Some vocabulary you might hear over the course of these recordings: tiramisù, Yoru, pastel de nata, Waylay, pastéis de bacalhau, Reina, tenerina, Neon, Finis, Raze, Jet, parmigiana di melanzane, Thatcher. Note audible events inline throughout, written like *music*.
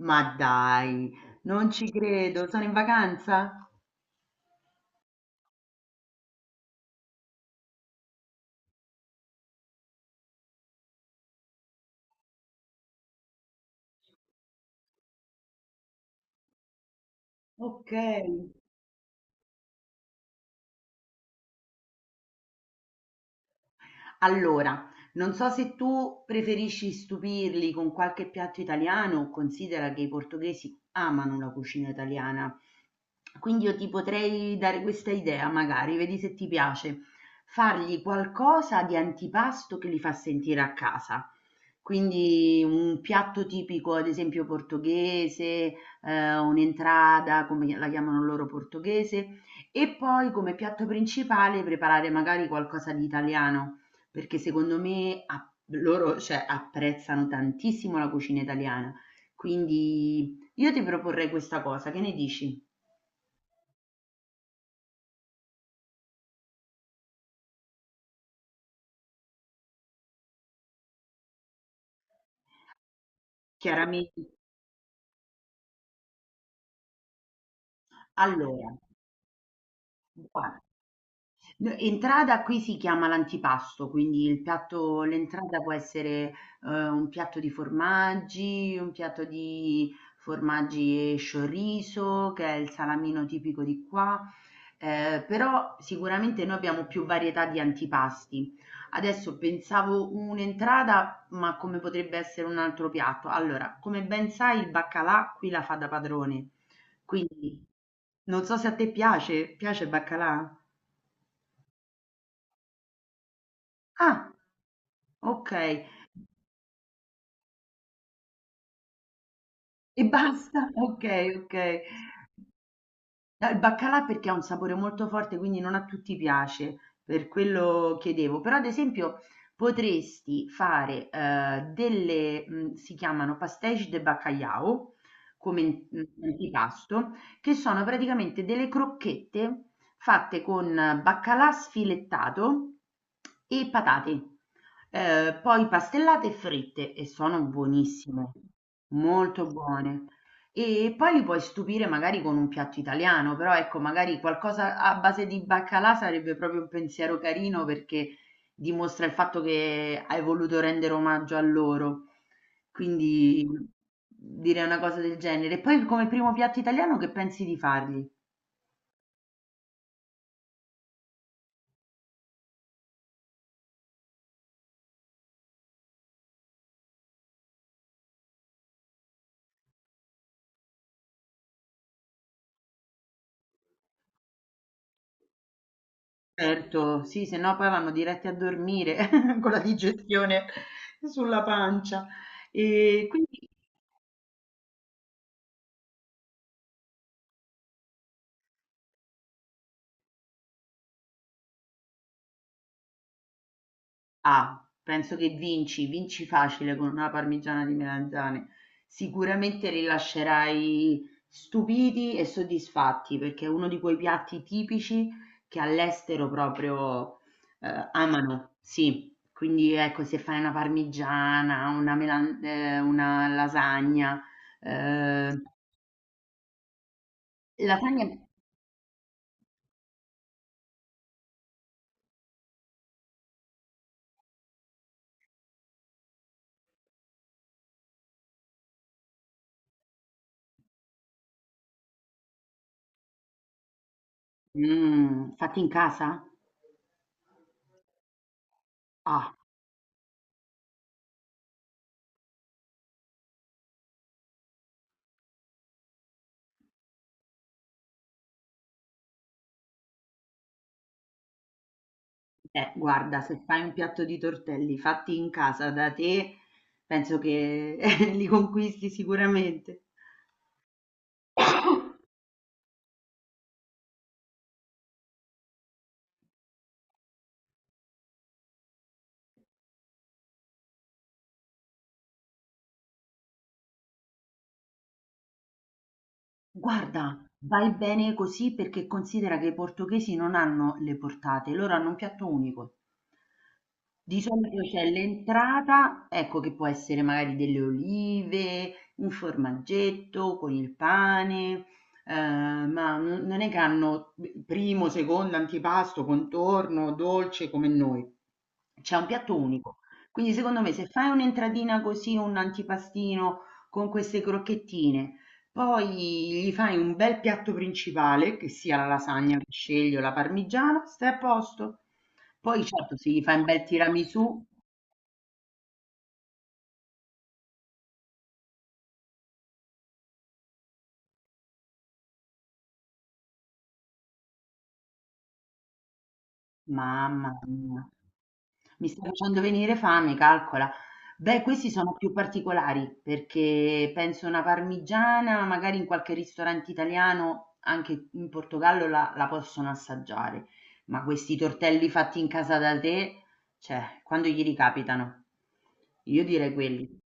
Ma dai, non ci credo, sono in vacanza? Ok. Allora, non so se tu preferisci stupirli con qualche piatto italiano, considera che i portoghesi amano la cucina italiana. Quindi io ti potrei dare questa idea, magari, vedi se ti piace. Fargli qualcosa di antipasto che li fa sentire a casa. Quindi un piatto tipico, ad esempio portoghese, un'entrata, come la chiamano loro portoghese, e poi come piatto principale preparare magari qualcosa di italiano, perché secondo me loro, cioè, apprezzano tantissimo la cucina italiana. Quindi io ti proporrei questa cosa, che ne dici? Chiaramente. Allora, guarda, N entrata qui si chiama l'antipasto, quindi il piatto l'entrata può essere, un piatto di formaggi, un piatto di formaggi e sciorriso, che è il salamino tipico di qua. Però sicuramente noi abbiamo più varietà di antipasti. Adesso pensavo un'entrata, ma come potrebbe essere un altro piatto. Allora, come ben sai, il baccalà qui la fa da padrone, quindi non so se a te piace, piace il baccalà? Ah! Okay. E basta? *laughs* Okay, okay. No, il baccalà perché ha un sapore molto forte, quindi non a tutti piace, per quello chiedevo. Però ad esempio potresti fare, delle, si chiamano pastéis de bacalhau, come in antipasto, che sono praticamente delle crocchette fatte con baccalà sfilettato e patate, poi pastellate e fritte e sono buonissime, molto buone. E poi li puoi stupire magari con un piatto italiano, però ecco, magari qualcosa a base di baccalà sarebbe proprio un pensiero carino perché dimostra il fatto che hai voluto rendere omaggio a loro. Quindi direi una cosa del genere. E poi come primo piatto italiano che pensi di fargli? Certo, sì, se no poi vanno diretti a dormire *laughs* con la digestione sulla pancia. E quindi Ah, penso che vinci, vinci facile con una parmigiana di melanzane. Sicuramente li lascerai stupiti e soddisfatti perché è uno di quei piatti tipici che all'estero proprio amano. Sì, quindi ecco, se fai una parmigiana, una lasagna, eh, lasagne fatte in casa? Ah, guarda, se fai un piatto di tortelli fatti in casa da te, penso che *laughs* li conquisti sicuramente. Guarda, vai bene così perché considera che i portoghesi non hanno le portate, loro hanno un piatto unico. Di solito c'è l'entrata, ecco che può essere magari delle olive, un formaggetto con il pane, ma non è che hanno primo, secondo, antipasto, contorno, dolce come noi. C'è un piatto unico. Quindi secondo me se fai un'entradina così, un antipastino con queste crocchettine, poi gli fai un bel piatto principale, che sia la lasagna, il scegli o la parmigiana, stai a posto. Poi certo se gli fai un bel tiramisù, mamma mia, mi sta facendo venire fame, calcola. Beh, questi sono più particolari perché penso una parmigiana, magari in qualche ristorante italiano, anche in Portogallo la possono assaggiare, ma questi tortelli fatti in casa da te, cioè, quando gli ricapitano? Io direi quelli.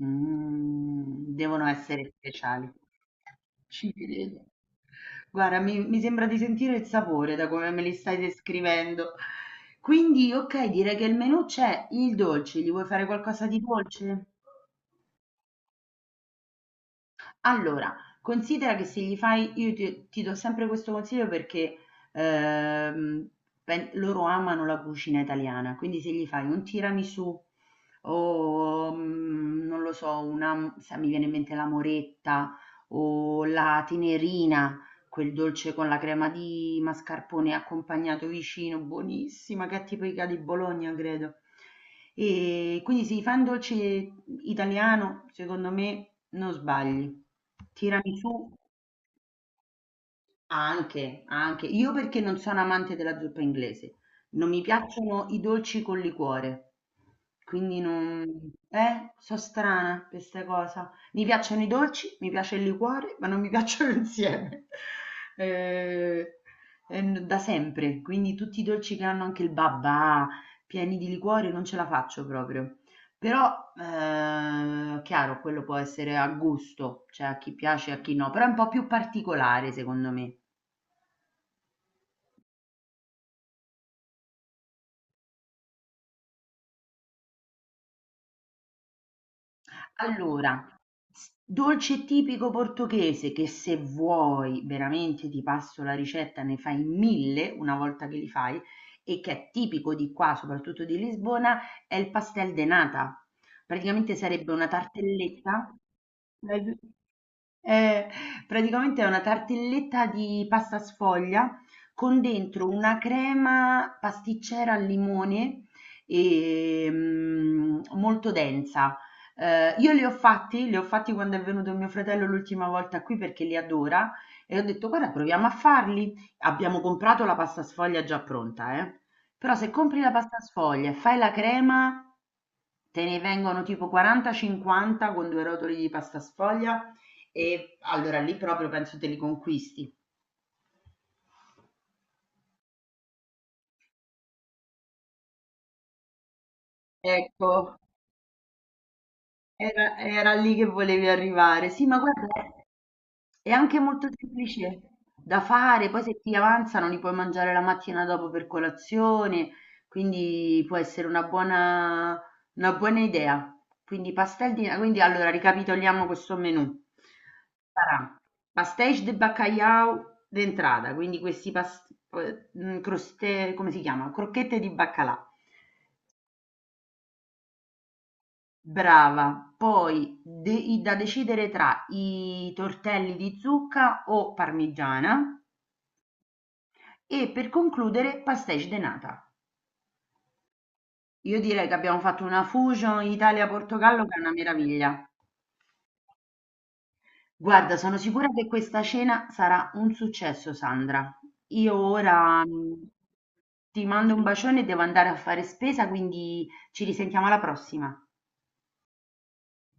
Mhmm, Devono essere speciali. Ci credo. Guarda, mi sembra di sentire il sapore da come me li stai descrivendo. Quindi, okay, direi che il menù c'è, il dolce, gli vuoi fare qualcosa di dolce? Allora, considera che se gli fai io ti do sempre questo consiglio, perché, ehm, pen loro amano la cucina italiana, quindi se gli fai un tiramisù o, non lo so, sai, mi viene in mente la moretta o la tenerina. Quel dolce con la crema di mascarpone accompagnato vicino, buonissima, che è tipica di Bologna, credo. E quindi sì, fai un dolce italiano, secondo me non sbagli. Tiramisù anche, anche. Io perché non sono amante della zuppa inglese, non mi piacciono i dolci col liquore, quindi non... So strana per questa cosa. Mi piacciono i dolci, mi piace il liquore, ma non mi piacciono *laughs* insieme. Eh, da sempre, quindi tutti i dolci che hanno anche il babà, pieni di liquore, non ce la faccio proprio. Però, chiaro, quello può essere a gusto, cioè a chi piace e a chi no, però è un po' più particolare secondo me. Allora, s dolce tipico portoghese che se vuoi veramente ti passo la ricetta, ne fai 1000 una volta che li fai, e che è tipico di qua, soprattutto di Lisbona, è il pastel de nata. Praticamente sarebbe una tartelletta. l'hai vi- eh, praticamente è una tartelletta di pasta sfoglia con dentro una crema pasticcera al limone e, molto densa. Io li ho fatti quando è venuto mio fratello l'ultima volta qui perché li adora, e ho detto guarda proviamo a farli. Abbiamo comprato la pasta sfoglia già pronta, eh. Però se compri la pasta sfoglia e fai la crema, te ne vengono tipo 40-50 con due rotoli di pasta sfoglia, e allora lì proprio penso te li conquisti. Ecco, era lì che volevi arrivare. Sì, ma guarda, è anche molto semplice da fare, poi se ti avanzano li puoi mangiare la mattina dopo per colazione, quindi può essere una buona, idea. Quindi allora ricapitoliamo questo menù. Sarà pastéis de bacalhau d'entrata, quindi questi croste, come si chiama? Crocchette di baccalà. Brava, poi da decidere tra i tortelli di zucca o parmigiana e per concludere pastéis de nata. Io direi che abbiamo fatto una fusion Italia-Portogallo che è una meraviglia. Guarda, sono sicura che questa cena sarà un successo, Sandra. Io ora ti mando un bacione, e devo andare a fare spesa, quindi ci risentiamo alla prossima.